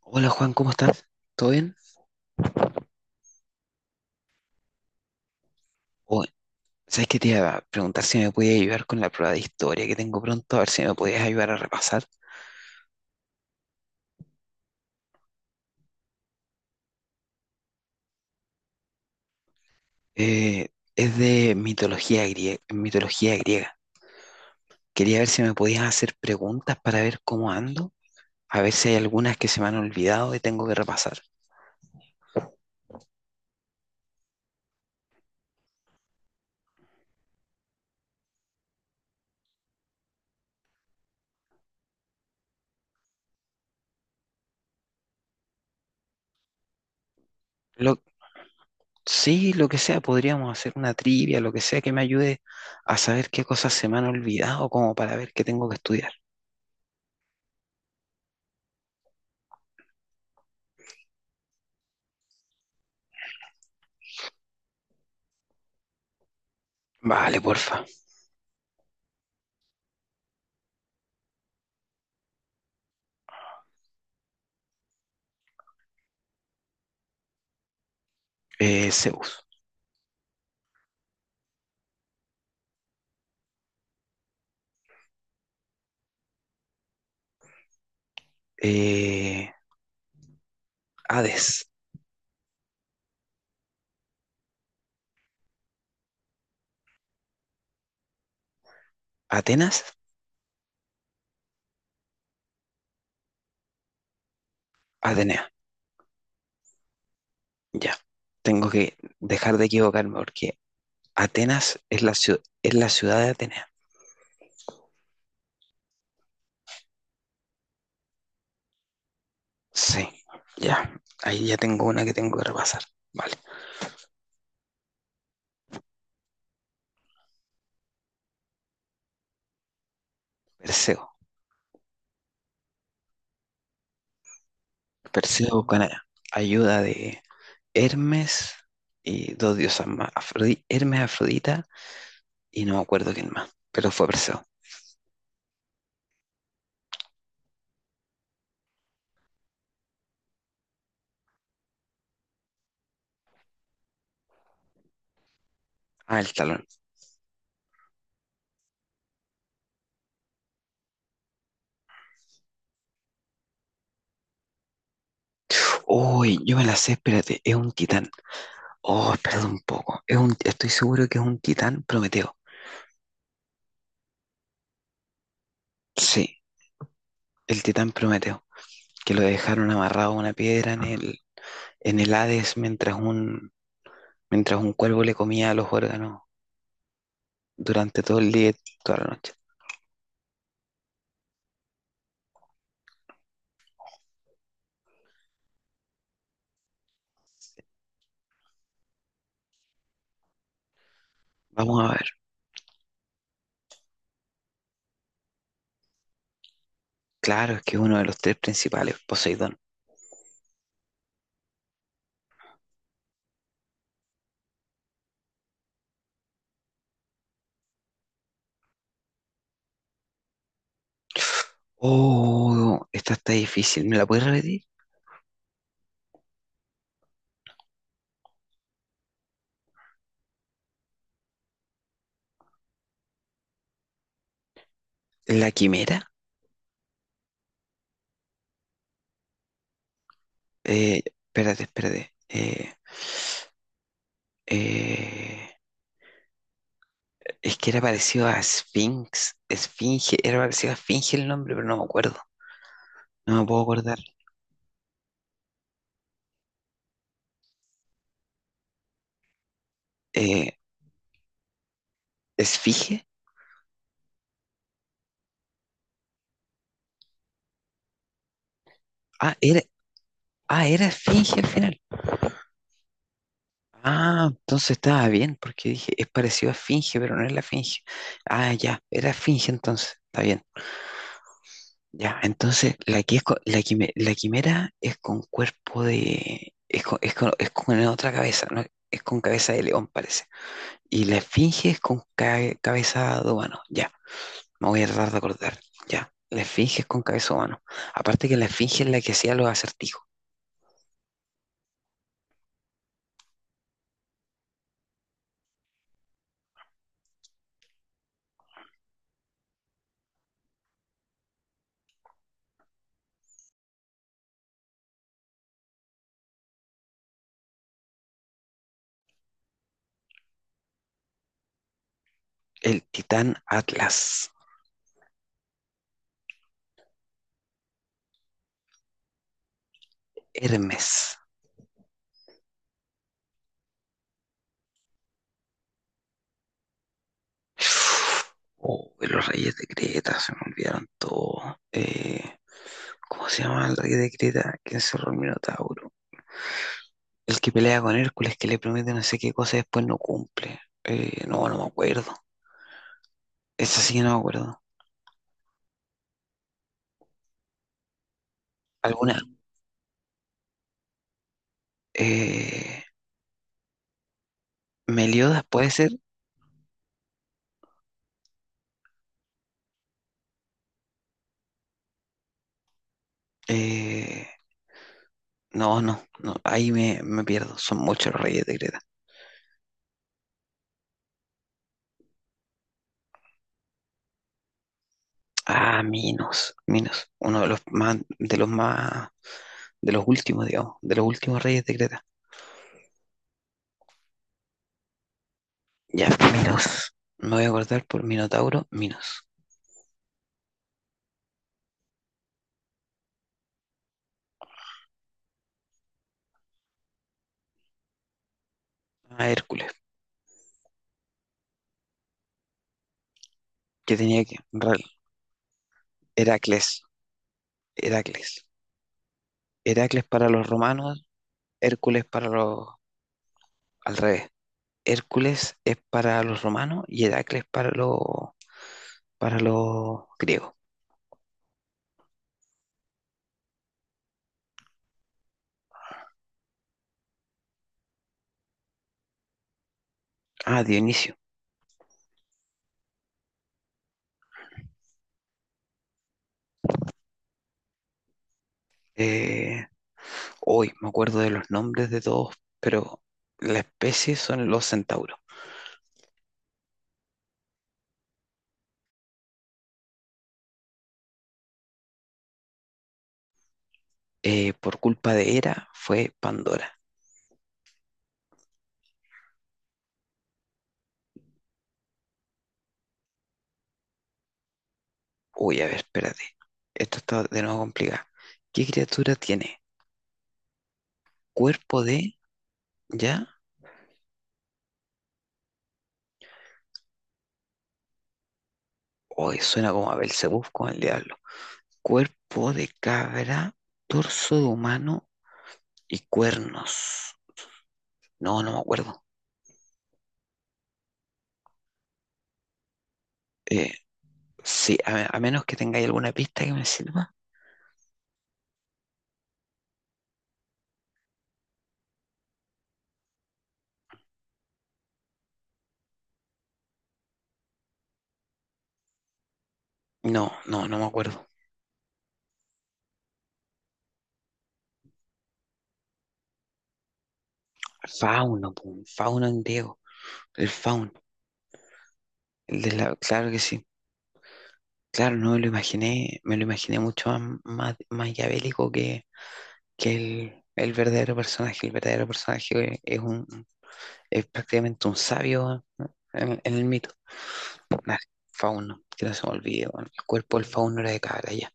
Hola Juan, ¿cómo estás? ¿Todo bien? Oh, ¿sabes qué te iba a preguntar si me podías ayudar con la prueba de historia que tengo pronto? A ver si me podías ayudar a repasar. Eh, es de mitología griega, mitología griega. Quería ver si me podías hacer preguntas para ver cómo ando, a ver si hay algunas que se me han olvidado y tengo que repasar. Lo, sí, lo que sea, podríamos hacer una trivia, lo que sea que me ayude a saber qué cosas se me han olvidado, como para ver qué tengo que estudiar. Vale, porfa. Zeus. Eh, Hades. Atenas, Atenea. Ya. Tengo que dejar de equivocarme porque Atenas es la ciudad de Atenea. Sí, ya. Ahí ya tengo una que tengo que repasar. Vale. Perseo. Perseo con ayuda de Hermes y dos diosas más. Hermes, Afrodita y no me acuerdo quién más. Pero fue Perseo. Ah, el talón. Uy, yo me la sé, espérate, es un titán. Oh, espérate un poco. Estoy seguro que es un titán Prometeo. Sí, el titán Prometeo, que lo dejaron amarrado a una piedra en el Hades mientras un cuervo le comía los órganos durante todo el día y toda la noche. Vamos a ver. Claro, es que es uno de los tres principales, Poseidón. Oh, esta está difícil. ¿Me la puedes repetir? ¿La quimera? Eh, espérate, espérate. Eh, Es que era parecido a Sphinx, Esfinge, era parecido a Esfinge el nombre, pero no me acuerdo, no me puedo acordar. Eh, ¿Esfinge? Ah, era, ah, era Esfinge al final. Ah, entonces estaba bien, porque dije, es parecido a Esfinge, pero no es la Esfinge. Ah, ya, era Esfinge entonces, está bien. Ya, entonces la que es co- la quime- la quimera es con cuerpo de, es con, es con- es con otra cabeza, ¿no? Es con cabeza de león, parece. Y la esfinge es con cabeza de humano, ya. Me voy a tratar de acordar. Ya, la esfinge es con cabeza humano. Aparte que la esfinge es la que hacía los acertijos. El titán Atlas. Hermes. Oh, los reyes de Creta, se me olvidaron todo. ¿Cómo se llama el rey de Creta que encerró el Minotauro? El que pelea con Hércules, que le promete no sé qué cosa y después no cumple. No, no me acuerdo. Esa sí que no me acuerdo. ¿Alguna? Eh, Meliodas puede ser. Eh, No, no, no, ahí me pierdo. Son muchos los reyes de Creta. Ah, Minos, Minos, uno de de los últimos, digamos, de los últimos reyes de Creta. Ya, Minos. Me voy a acordar por Minotauro, Minos. Ah, Hércules, que tenía que, Ra- Heracles, Heracles. Heracles para los romanos, Hércules para los, al revés. Hércules es para los romanos y Heracles para los griegos. Ah, Dionisio. Eh, Hoy me acuerdo de los nombres de todos, pero la especie son los centauros. Por culpa de Hera fue Pandora. Uy, a ver, espérate. Esto está de nuevo complicado. ¿Qué criatura tiene? Cuerpo de. ¿Ya? Hoy suena como a Belcebú con el diablo. Cuerpo de cabra, torso de humano y cuernos. No, no me acuerdo. Eh, sí, a menos que tengáis alguna pista que me sirva. No, no, no me acuerdo. Fauno, pum, fauno en griego. El Faun, el de la, claro que sí. Claro, no me lo imaginé, me lo imaginé mucho más, más maquiavélico que el verdadero personaje. El verdadero personaje es un, es prácticamente un sabio en el mito. Nah, fauno, que no se me olvide, weón. El cuerpo del fauno era de cabra, ya.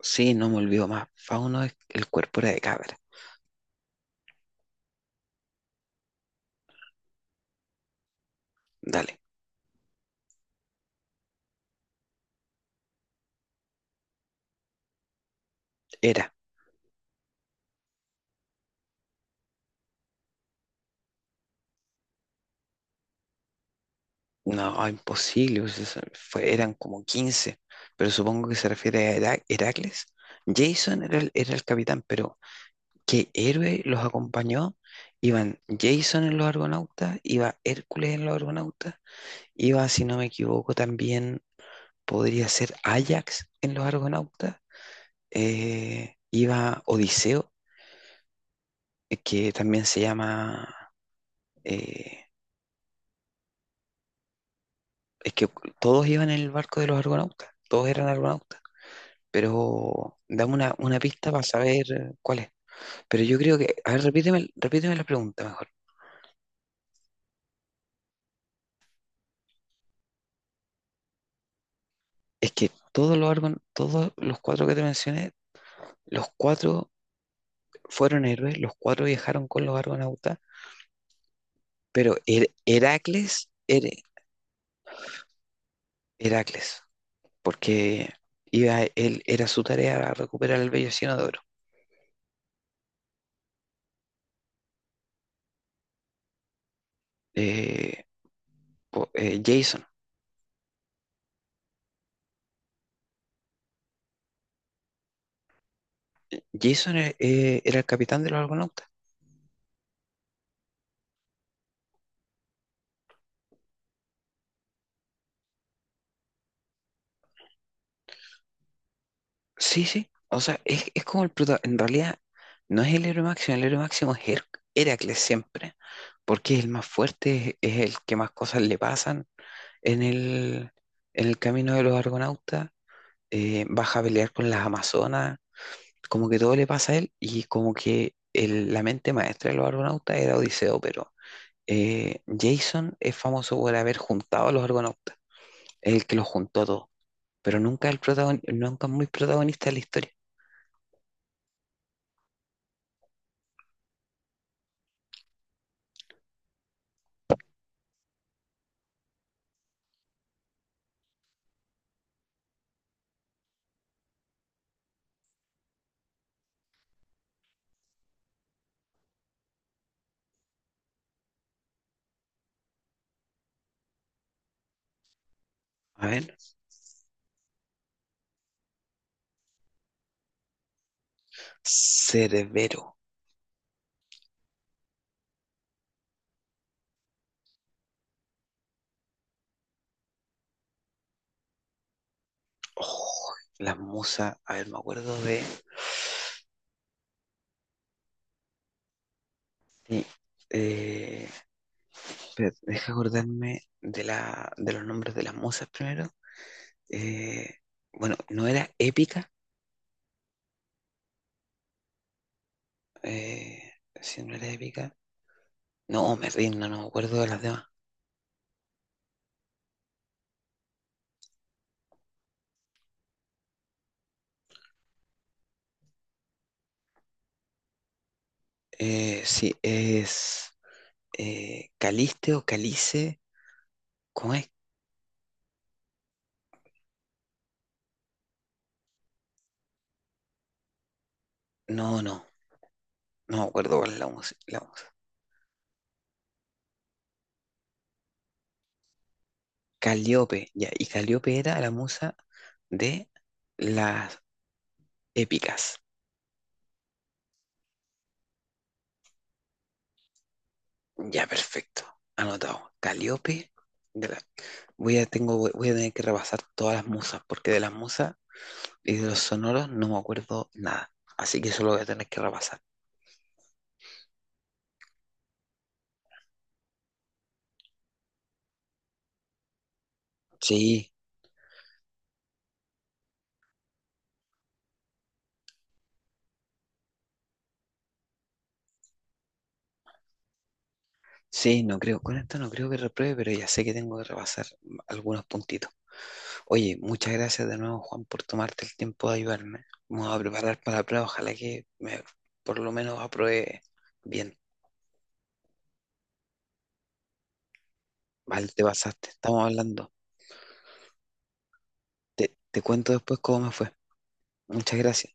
Sí, no me olvido más. Fauno es el cuerpo era de cabra. Dale, era. No, imposible. Pues, eran como 15. Pero supongo que se refiere a Heracles. Jason era el capitán, pero ¿qué héroe los acompañó? Iban Jason en los Argonautas, iba Hércules en los Argonautas, iba, si no me equivoco, también podría ser Ajax en los Argonautas, iba Odiseo, que también se llama, eh, es que todos iban en el barco de los Argonautas, todos eran Argonautas, pero dame una pista para saber cuál es. Pero yo creo que, a ver, repíteme, repíteme la pregunta mejor. Es que todos los cuatro que te mencioné. Los cuatro fueron héroes, los cuatro viajaron con los argonautas, pero Heracles, Heracles, porque era su tarea recuperar el vellocino de oro. Eh, Jason. Jason era el capitán de los argonautas. Sí, sí, o sea, es como en realidad no es el héroe máximo es Heracles siempre, porque es el más fuerte, es el que más cosas le pasan en el, en el camino de los argonautas. Baja a pelear con las Amazonas, como que todo le pasa a él y como que la mente maestra de los Argonautas era Odiseo, pero Jason es famoso por haber juntado a los Argonautas, es el que los juntó a todos, pero nunca es muy protagonista de la historia. A ver, Cerbero. Oh, la musa, a ver, me acuerdo de. De, eh, espera, deja acordarme de los nombres de las musas primero. Eh, bueno, ¿no era épica? Eh, si no era épica. No, me rindo, no me acuerdo de las demás. Sí, es Caliste o Calice. ¿Cómo es? No, no, no me acuerdo cuál es la musa. La musa. Calíope, ya. Y Calíope era la musa de las épicas. Ya, perfecto. Anotado. Calíope. de la- voy a tener que repasar todas las musas, porque de las musas y de los sonoros no me acuerdo nada. Así que eso lo voy a tener que repasar. Sí. Sí, no creo, con esto no creo que repruebe, pero ya sé que tengo que repasar algunos puntitos. Oye, muchas gracias de nuevo, Juan, por tomarte el tiempo de ayudarme. Vamos a preparar para la prueba, ojalá que me, por lo menos apruebe bien. Vale, te pasaste, estamos hablando. Te cuento después cómo me fue. Muchas gracias.